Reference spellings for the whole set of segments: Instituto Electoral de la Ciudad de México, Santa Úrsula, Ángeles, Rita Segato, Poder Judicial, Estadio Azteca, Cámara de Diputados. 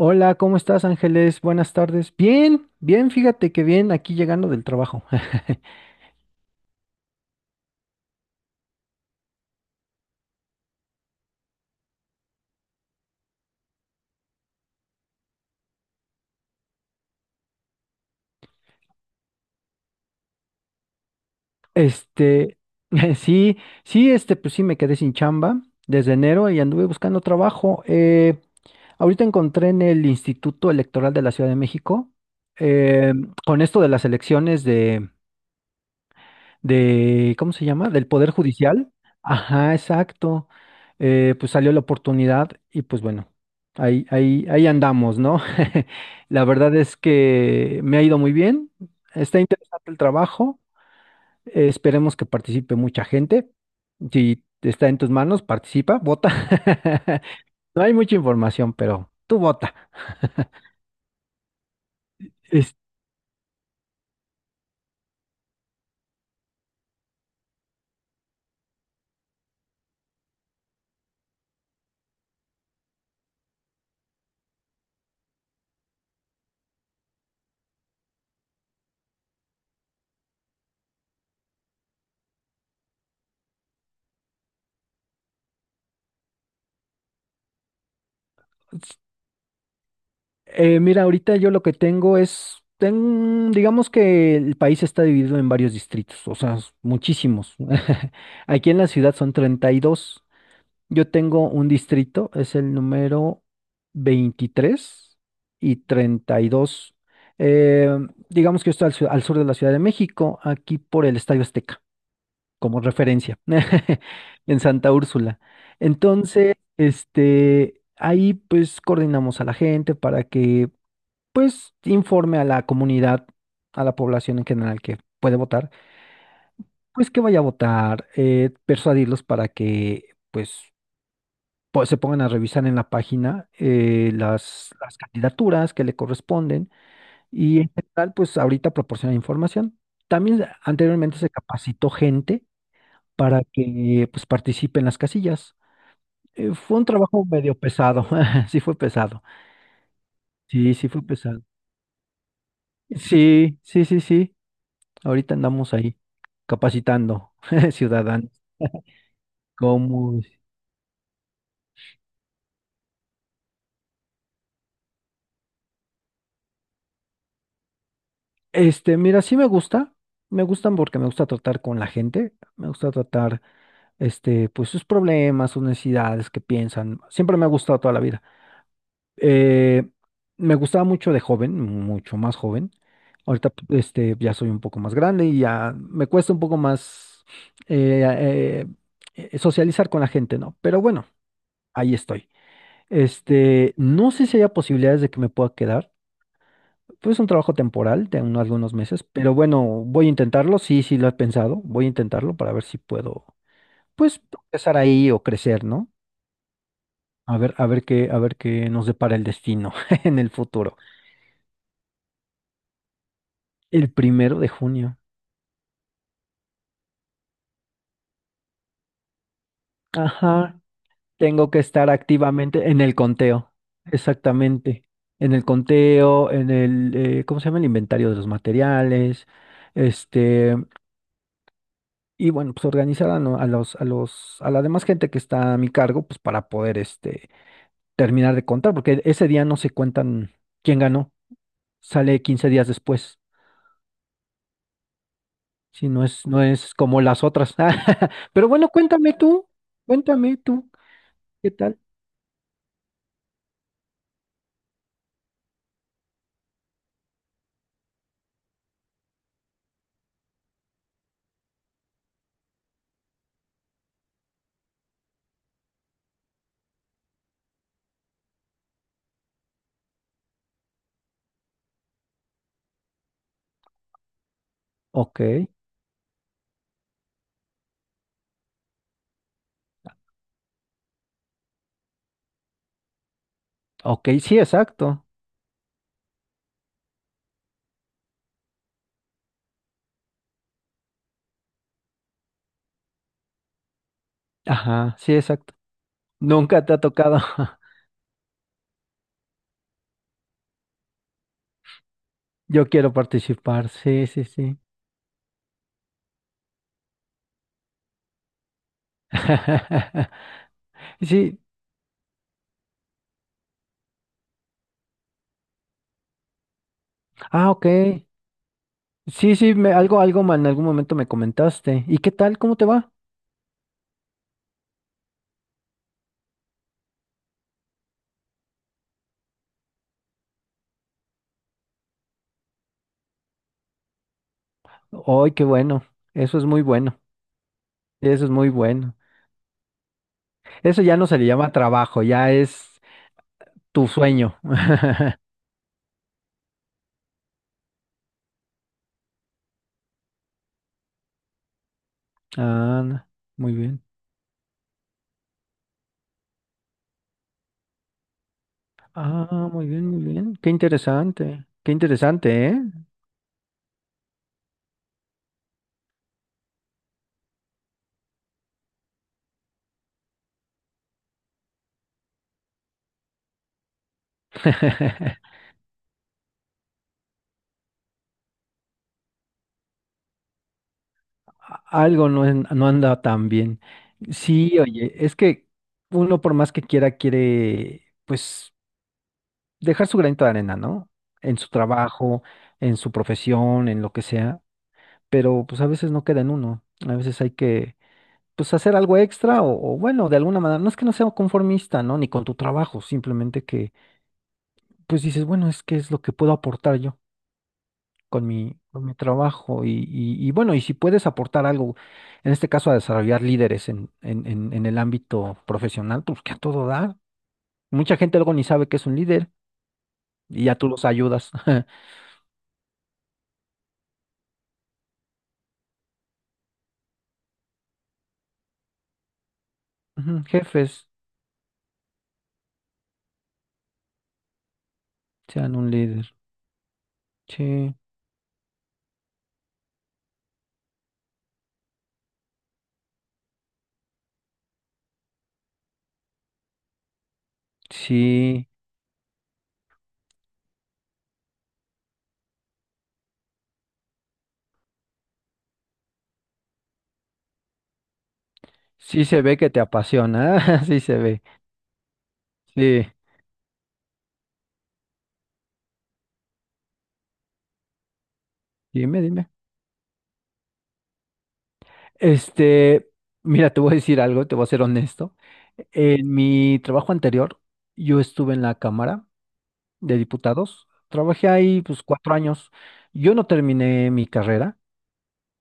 Hola, ¿cómo estás, Ángeles? Buenas tardes. Bien, bien, fíjate que bien, aquí llegando del trabajo. Este, sí, sí, me quedé sin chamba desde enero y anduve buscando trabajo. Ahorita encontré en el Instituto Electoral de la Ciudad de México, eh, con esto de las elecciones de, ¿cómo se llama? Del Poder Judicial. Ajá, exacto. Pues salió la oportunidad y pues bueno, ahí andamos, ¿no? La verdad es que me ha ido muy bien. Está interesante el trabajo. Esperemos que participe mucha gente. Si está en tus manos, participa, vota. No hay mucha información, pero tú vota. Es- mira, ahorita yo lo que tengo es, digamos que el país está dividido en varios distritos, o sea, muchísimos. Aquí en la ciudad son 32. Yo tengo un distrito, es el número 23 y 32. Eh, digamos que yo estoy al, al sur de la Ciudad de México, aquí por el Estadio Azteca, como referencia, en Santa Úrsula. Entonces, este, ahí pues coordinamos a la gente para que pues informe a la comunidad, a la población en general que puede votar, pues que vaya a votar, persuadirlos para que pues, se pongan a revisar en la página las candidaturas que le corresponden y en general pues ahorita proporciona información. También anteriormente se capacitó gente para que pues participe en las casillas. Fue un trabajo medio pesado, sí fue pesado, sí, sí fue pesado. Sí, sí, sí, sí. Ahorita andamos ahí capacitando ciudadanos. ¿Cómo es? Este, mira, sí me gusta. Me gustan porque me gusta tratar con la gente. Me gusta tratar, este, pues sus problemas, sus necesidades, que piensan. Siempre me ha gustado toda la vida. Eh, me gustaba mucho de joven, mucho más joven. Ahorita, este, ya soy un poco más grande y ya me cuesta un poco más eh, eh, socializar con la gente, ¿no? Pero bueno, ahí estoy. Este, no sé si haya posibilidades de que me pueda quedar. Pues es un trabajo temporal de unos algunos meses, pero bueno, voy a intentarlo. Sí, sí lo he pensado. Voy a intentarlo para ver si puedo, pues, empezar ahí o crecer, ¿no? A ver qué nos depara el destino en el futuro. El primero de junio. Ajá. Tengo que estar activamente en el conteo. Exactamente. En el conteo, en el, ¿cómo se llama? El inventario de los materiales. Este. Y bueno, pues organizar a, a los, a los, a la demás gente que está a mi cargo, pues para poder este terminar de contar, porque ese día no se cuentan quién ganó, sale quince días después, si no es, no es como las otras. Pero bueno, cuéntame tú, ¿qué tal? Ok, ok, sí, exacto. Ajá, sí, exacto. Nunca te ha tocado. Yo quiero participar, sí, sí, sí. Sí, ah, ok. Sí, sí, me, algo, en algún momento me comentaste. ¿Y qué tal? ¿Cómo te va? ¡Ay, qué bueno! Eso es muy bueno. Eso es muy bueno. Eso ya no se le llama trabajo, ya es tu sueño. Ah, no, muy bien. Ah, muy bien, muy bien. Qué interesante. Qué interesante, ¿eh? Algo no, no anda tan bien. Sí, oye, es que uno por más que quiera, quiere, pues, dejar su granito de arena, ¿no? En su trabajo, en su profesión, en lo que sea. Pero pues a veces no queda en uno, a veces hay que pues hacer algo extra o, bueno, de alguna manera, no es que no sea conformista, ¿no? Ni con tu trabajo, simplemente que pues dices, bueno, es que es lo que puedo aportar yo con mi trabajo y, bueno, y si puedes aportar algo, en este caso a desarrollar líderes en el ámbito profesional, pues que a todo dar. Mucha gente luego ni sabe que es un líder y ya tú los ayudas. Ujú, jefes, sean un líder. Sí, sí. Sí se ve que te apasiona, sí se ve. Sí, dime, dime. Este, mira, te voy a decir algo, te voy a ser honesto. En mi trabajo anterior, yo estuve en la Cámara de Diputados. Trabajé ahí pues cuatro años. Yo no terminé mi carrera,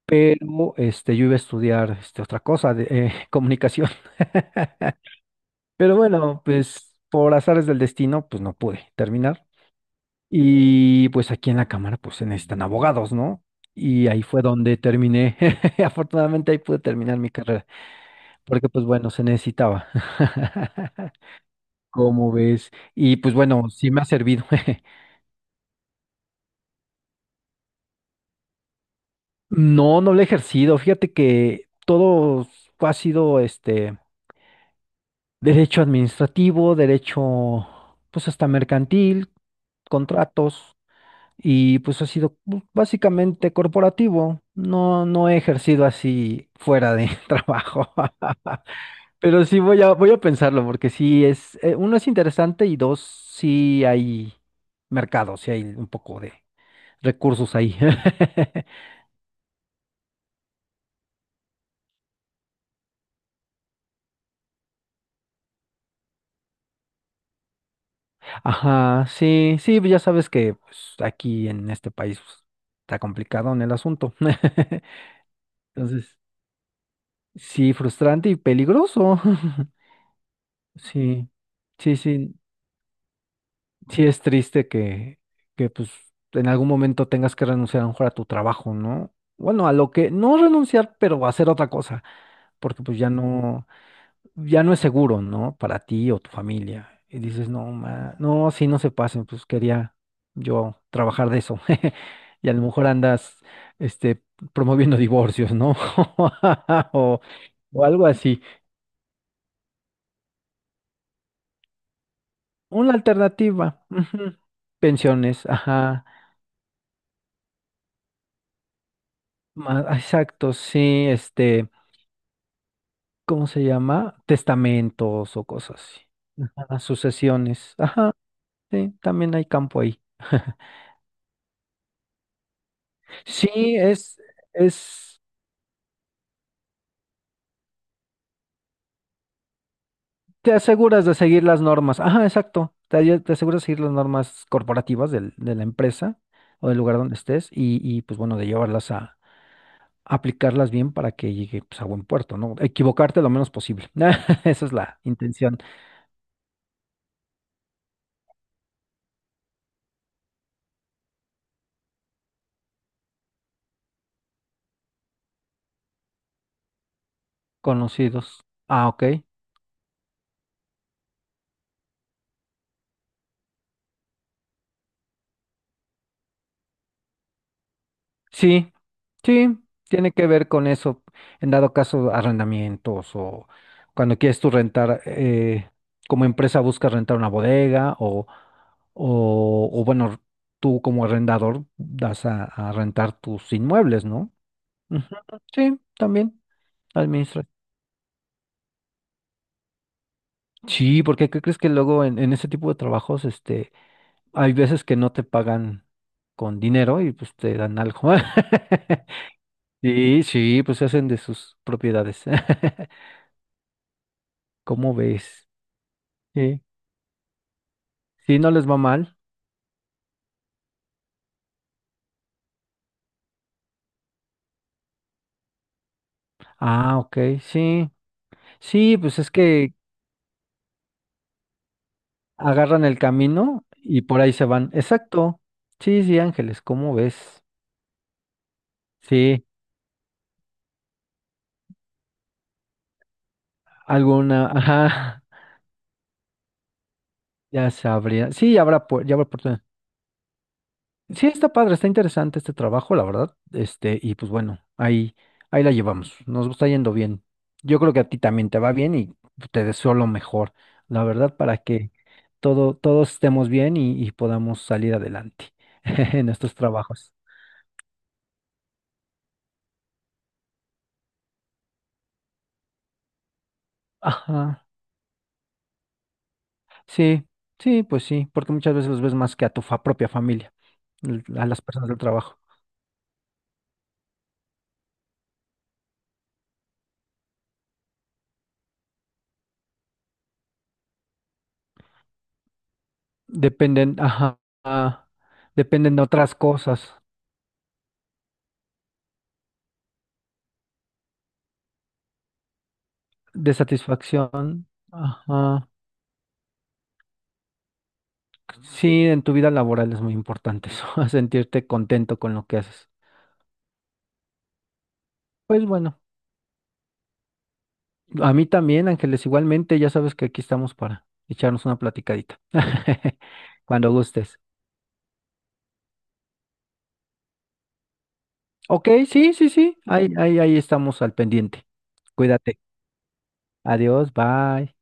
pero este, yo iba a estudiar este, otra cosa, de, comunicación. Pero bueno, pues por azares del destino, pues no pude terminar. Y pues aquí en la Cámara pues se necesitan abogados, ¿no? Y ahí fue donde terminé. Afortunadamente ahí pude terminar mi carrera, porque pues bueno, se necesitaba. ¿Cómo ves? Y pues bueno, sí me ha servido. No, no lo he ejercido. Fíjate que todo ha sido este derecho administrativo, derecho pues hasta mercantil, contratos. Y pues ha sido pues, básicamente corporativo. No, no he ejercido así fuera de trabajo. Pero sí voy a, voy a pensarlo, porque sí es, uno es interesante y dos, sí hay mercado, sí hay un poco de recursos ahí. Ajá, sí, sí, ya sabes que pues, aquí en este país pues, está complicado en el asunto. Entonces, sí, frustrante y peligroso. Sí, sí, sí. Sí es triste que pues en algún momento tengas que renunciar a lo mejor a tu trabajo, ¿no? Bueno, a lo que no renunciar, pero hacer otra cosa, porque pues ya no, ya no es seguro, ¿no? Para ti o tu familia. Y dices, no, ma, no, sí, no se pasen, pues quería yo trabajar de eso. Y a lo mejor andas, este, promoviendo divorcios, ¿no? O, o algo así. Una alternativa. Ujú. Pensiones, ajá. Exacto, sí, este. ¿Cómo se llama? Testamentos o cosas así. Ajá, sucesiones. Ajá, sí, también hay campo ahí. Sí, es, te aseguras de seguir las normas. Ajá, exacto. Te, te aseguras de seguir las normas corporativas de la empresa o del lugar donde estés y, pues bueno, de llevarlas a aplicarlas bien para que llegue pues, a buen puerto, ¿no? Equivocarte lo menos posible. Esa es la intención. Conocidos. Ah, ok. Sí, sí, tiene que ver con eso, en dado caso arrendamientos o cuando quieres tú rentar, como empresa buscas rentar una bodega o bueno, tú como arrendador das a rentar tus inmuebles, ¿no? Ujú, sí, también administra. Sí, porque ¿qué crees que luego en ese tipo de trabajos, este, hay veces que no te pagan con dinero y pues te dan algo? Sí, sí, pues se hacen de sus propiedades. ¿Cómo ves? Sí. Sí, no les va mal. Ah, ok, sí. Sí, pues es que agarran el camino y por ahí se van. Exacto. Sí, sí, Ángeles, ¿cómo ves? Sí, alguna, ajá, ya sabría. Sí, habrá, ya habrá oportunidad. Sí, está padre, está interesante este trabajo, la verdad. Este, y pues bueno, ahí la llevamos. Nos está yendo bien. Yo creo que a ti también te va bien y te deseo lo mejor, la verdad, para que todo, todos estemos bien y podamos salir adelante en estos trabajos. Ajá. Sí, sí, pues sí, porque muchas veces los ves más que a tu propia familia, a las personas del trabajo. Dependen, ajá, dependen de otras cosas, de satisfacción. Ajá. Sí, en tu vida laboral es muy importante eso, sentirte contento con lo que haces. Pues bueno, a mí también, Ángeles, igualmente, ya sabes que aquí estamos para echarnos una platicadita, cuando gustes. Ok, sí, sí, sí, ahí estamos al pendiente. Cuídate. Adiós, bye.